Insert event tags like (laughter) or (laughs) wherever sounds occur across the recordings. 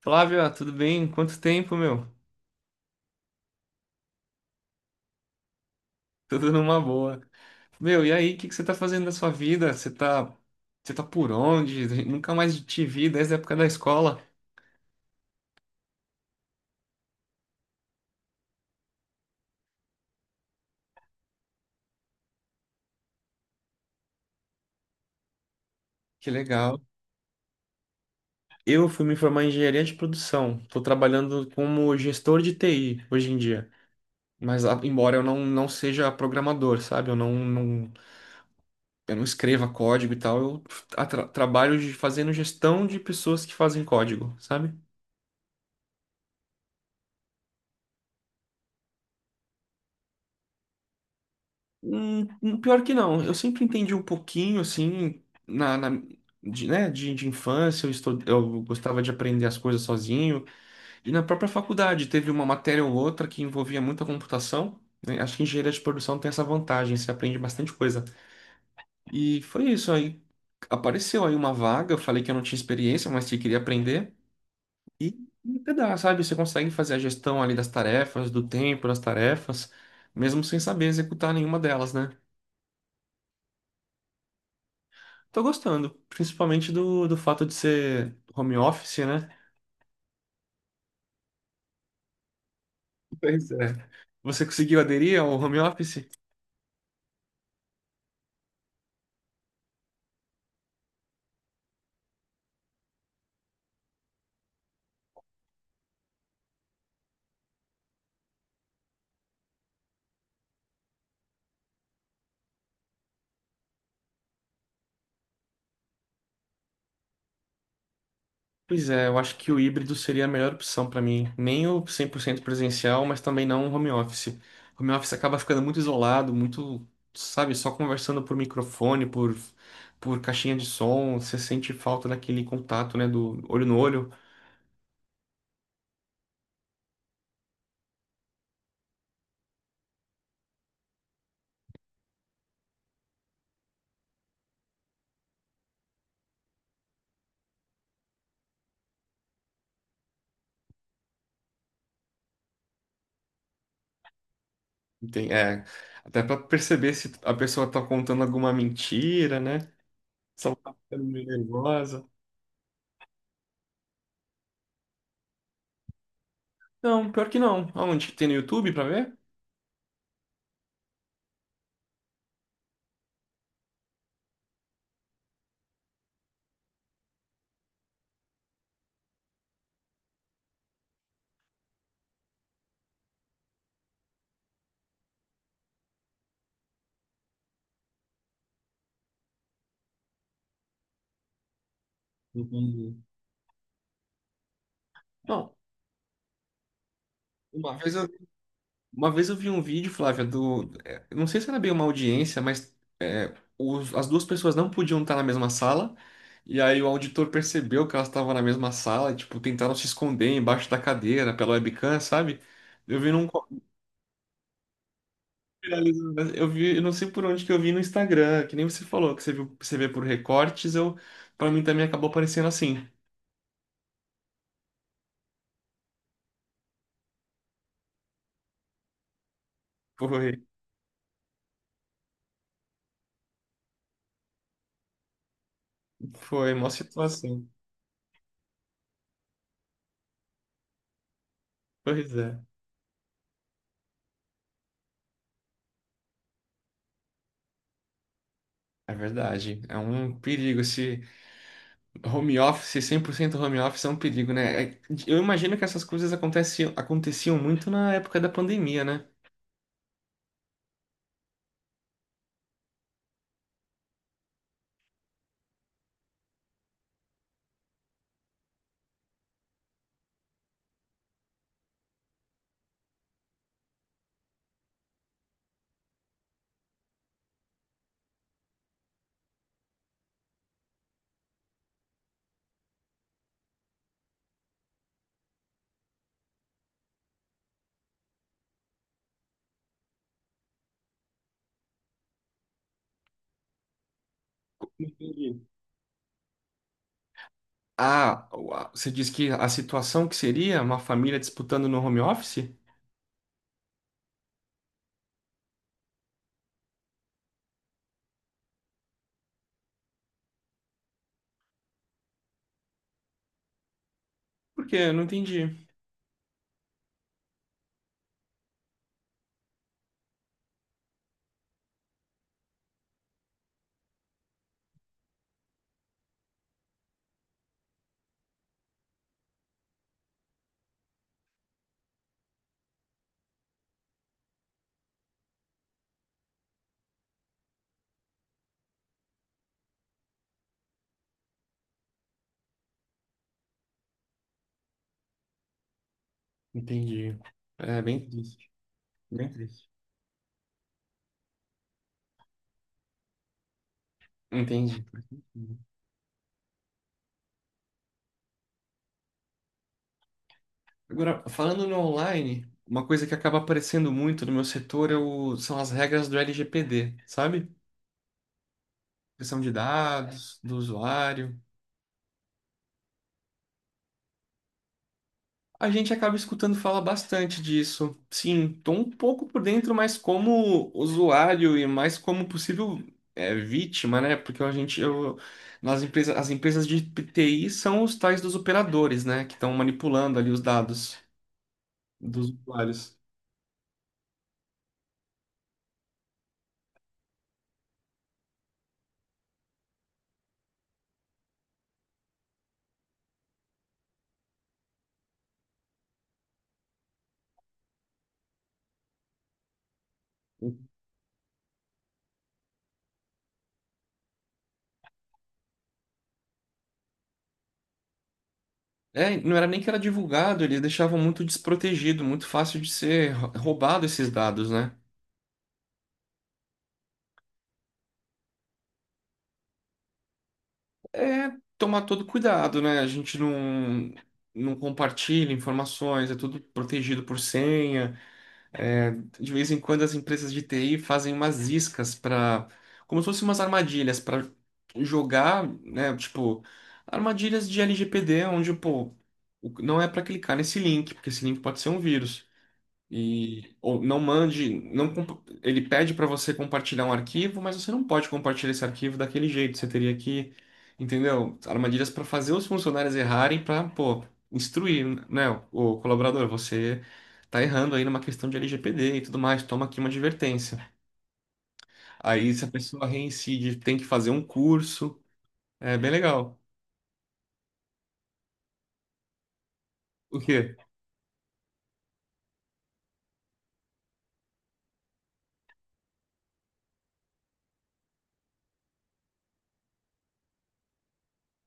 Flávia, tudo bem? Quanto tempo, meu? Tudo numa boa. Meu, e aí, o que que você tá fazendo da sua vida? Você tá por onde? Nunca mais te vi desde a época da escola. Que legal. Eu fui me formar em engenharia de produção. Estou trabalhando como gestor de TI hoje em dia. Mas embora eu não seja programador, sabe? Eu não escreva código e tal. Eu trabalho de, fazendo gestão de pessoas que fazem código, sabe? Pior que não. Eu sempre entendi um pouquinho, assim, de, né, de infância, eu, eu gostava de aprender as coisas sozinho. E na própria faculdade, teve uma matéria ou outra que envolvia muita computação, né? Acho que engenharia de produção tem essa vantagem, você aprende bastante coisa. E foi isso aí. Apareceu aí uma vaga, eu falei que eu não tinha experiência, mas que queria aprender. E até dá, sabe? Você consegue fazer a gestão ali das tarefas, do tempo das tarefas, mesmo sem saber executar nenhuma delas, né? Tô gostando, principalmente do fato de ser home office, né? Pois é. Você conseguiu aderir ao home office? Pois é, eu acho que o híbrido seria a melhor opção pra mim. Nem o 100% presencial, mas também não o home office. Home office acaba ficando muito isolado, muito, sabe, só conversando por microfone, por caixinha de som. Você sente falta daquele contato, né, do olho no olho. É, até pra perceber se a pessoa tá contando alguma mentira, né? Só tá ficando meio nervosa. Não, pior que não. Aonde que tem no YouTube pra ver? Entendi. Não. Uma vez eu, uma vez eu vi um vídeo, Flávia, do. É, eu não sei se era bem uma audiência, mas é, as duas pessoas não podiam estar na mesma sala, e aí o auditor percebeu que elas estavam na mesma sala, e, tipo, tentaram se esconder embaixo da cadeira pela webcam, sabe? Eu vi viralizou, né? Eu vi, eu não sei por onde que eu vi no Instagram, que nem você falou, que você viu, você vê por recortes, eu, pra mim também acabou aparecendo assim. Foi, foi uma situação. Pois é. É verdade, é um perigo. Esse home office, 100% home office é um perigo, né? Eu imagino que essas coisas aconteciam muito na época da pandemia, né? Entendi. Ah, você diz que a situação que seria uma família disputando no home office? Por quê? Eu não entendi. Entendi. É bem triste, bem triste. Entendi. Agora, falando no online, uma coisa que acaba aparecendo muito no meu setor é são as regras do LGPD, sabe? Proteção de dados, do usuário. A gente acaba escutando falar bastante disso. Sim, estou um pouco por dentro, mas como usuário e mais como possível, é, vítima, né? Porque a gente, eu, nas empresas, as empresas de TI são os tais dos operadores, né? Que estão manipulando ali os dados dos usuários. É, não era nem que era divulgado, eles deixavam muito desprotegido, muito fácil de ser roubado esses dados, né? É tomar todo cuidado, né? A gente não, não compartilha informações, é tudo protegido por senha. De vez em quando as empresas de TI fazem umas iscas para, como se fossem umas armadilhas para jogar, né, tipo, armadilhas de LGPD, onde, pô, não é para clicar nesse link, porque esse link pode ser um vírus. E ou não mande, não comp- ele pede para você compartilhar um arquivo, mas você não pode compartilhar esse arquivo daquele jeito. Você teria que, entendeu? Armadilhas para fazer os funcionários errarem para, pô, instruir, né, o colaborador, você tá errando aí numa questão de LGPD e tudo mais, toma aqui uma advertência. Aí se a pessoa reincide, tem que fazer um curso. É bem legal. O quê?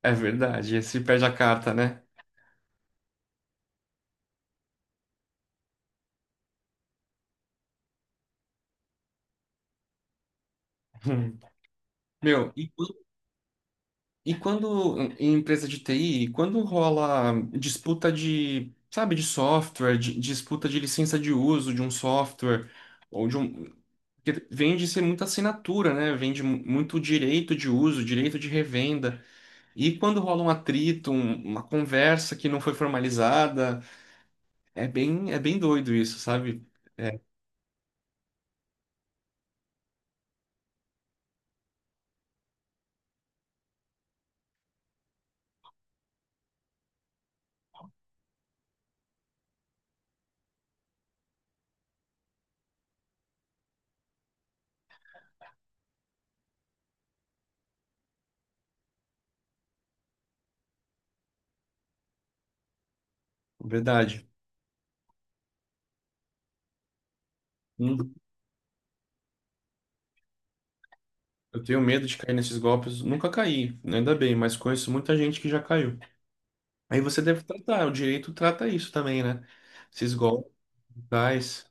É verdade, se perde a carta, né? (laughs) Meu, e quando, em empresa de TI, quando rola disputa de, sabe, de software, disputa de licença de uso de um software, ou de um, porque vem de ser muita assinatura, né? Vem de muito direito de uso, direito de revenda. E quando rola um atrito, uma conversa que não foi formalizada, é bem doido isso, sabe? É, verdade. Hum, Eu tenho medo de cair nesses golpes. Nunca caí, ainda bem, mas conheço muita gente que já caiu. Aí você deve tratar, o direito trata isso também, né? Esses golpes digitais.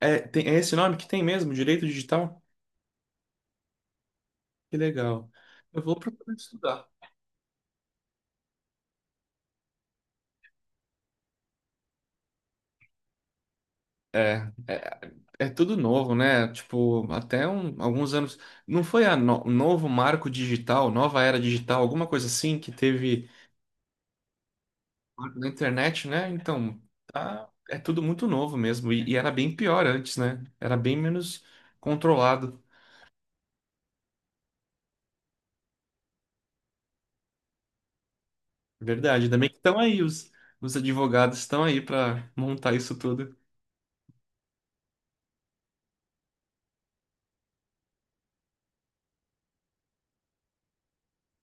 É, tem, é esse nome que tem mesmo, direito digital? Que legal. Eu vou procurar estudar. É, é, é tudo novo, né? Tipo, até alguns anos. Não foi a novo marco digital, nova era digital, alguma coisa assim que teve na internet, né? Então, tá, é tudo muito novo mesmo. E era bem pior antes, né? Era bem menos controlado. Verdade. Ainda bem que estão aí, os advogados estão aí para montar isso tudo.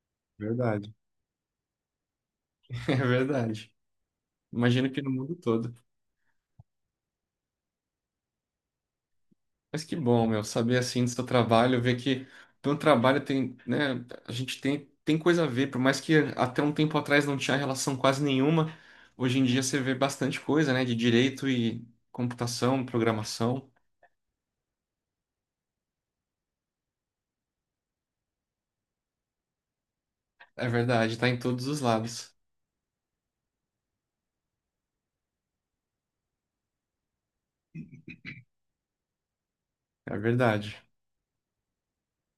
(laughs) Verdade. É verdade. Imagino que no mundo todo. Mas que bom, meu, saber assim do seu trabalho, ver que teu trabalho tem, né, a gente tem, tem coisa a ver, por mais que até um tempo atrás não tinha relação quase nenhuma, hoje em dia você vê bastante coisa, né, de direito e computação, programação. É verdade, tá em todos os lados. É verdade.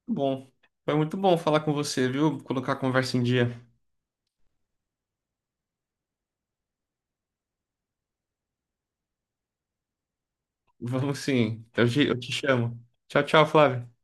Bom, foi muito bom falar com você, viu? Colocar a conversa em dia. Vamos sim. Eu te chamo. Tchau, tchau, Flávio.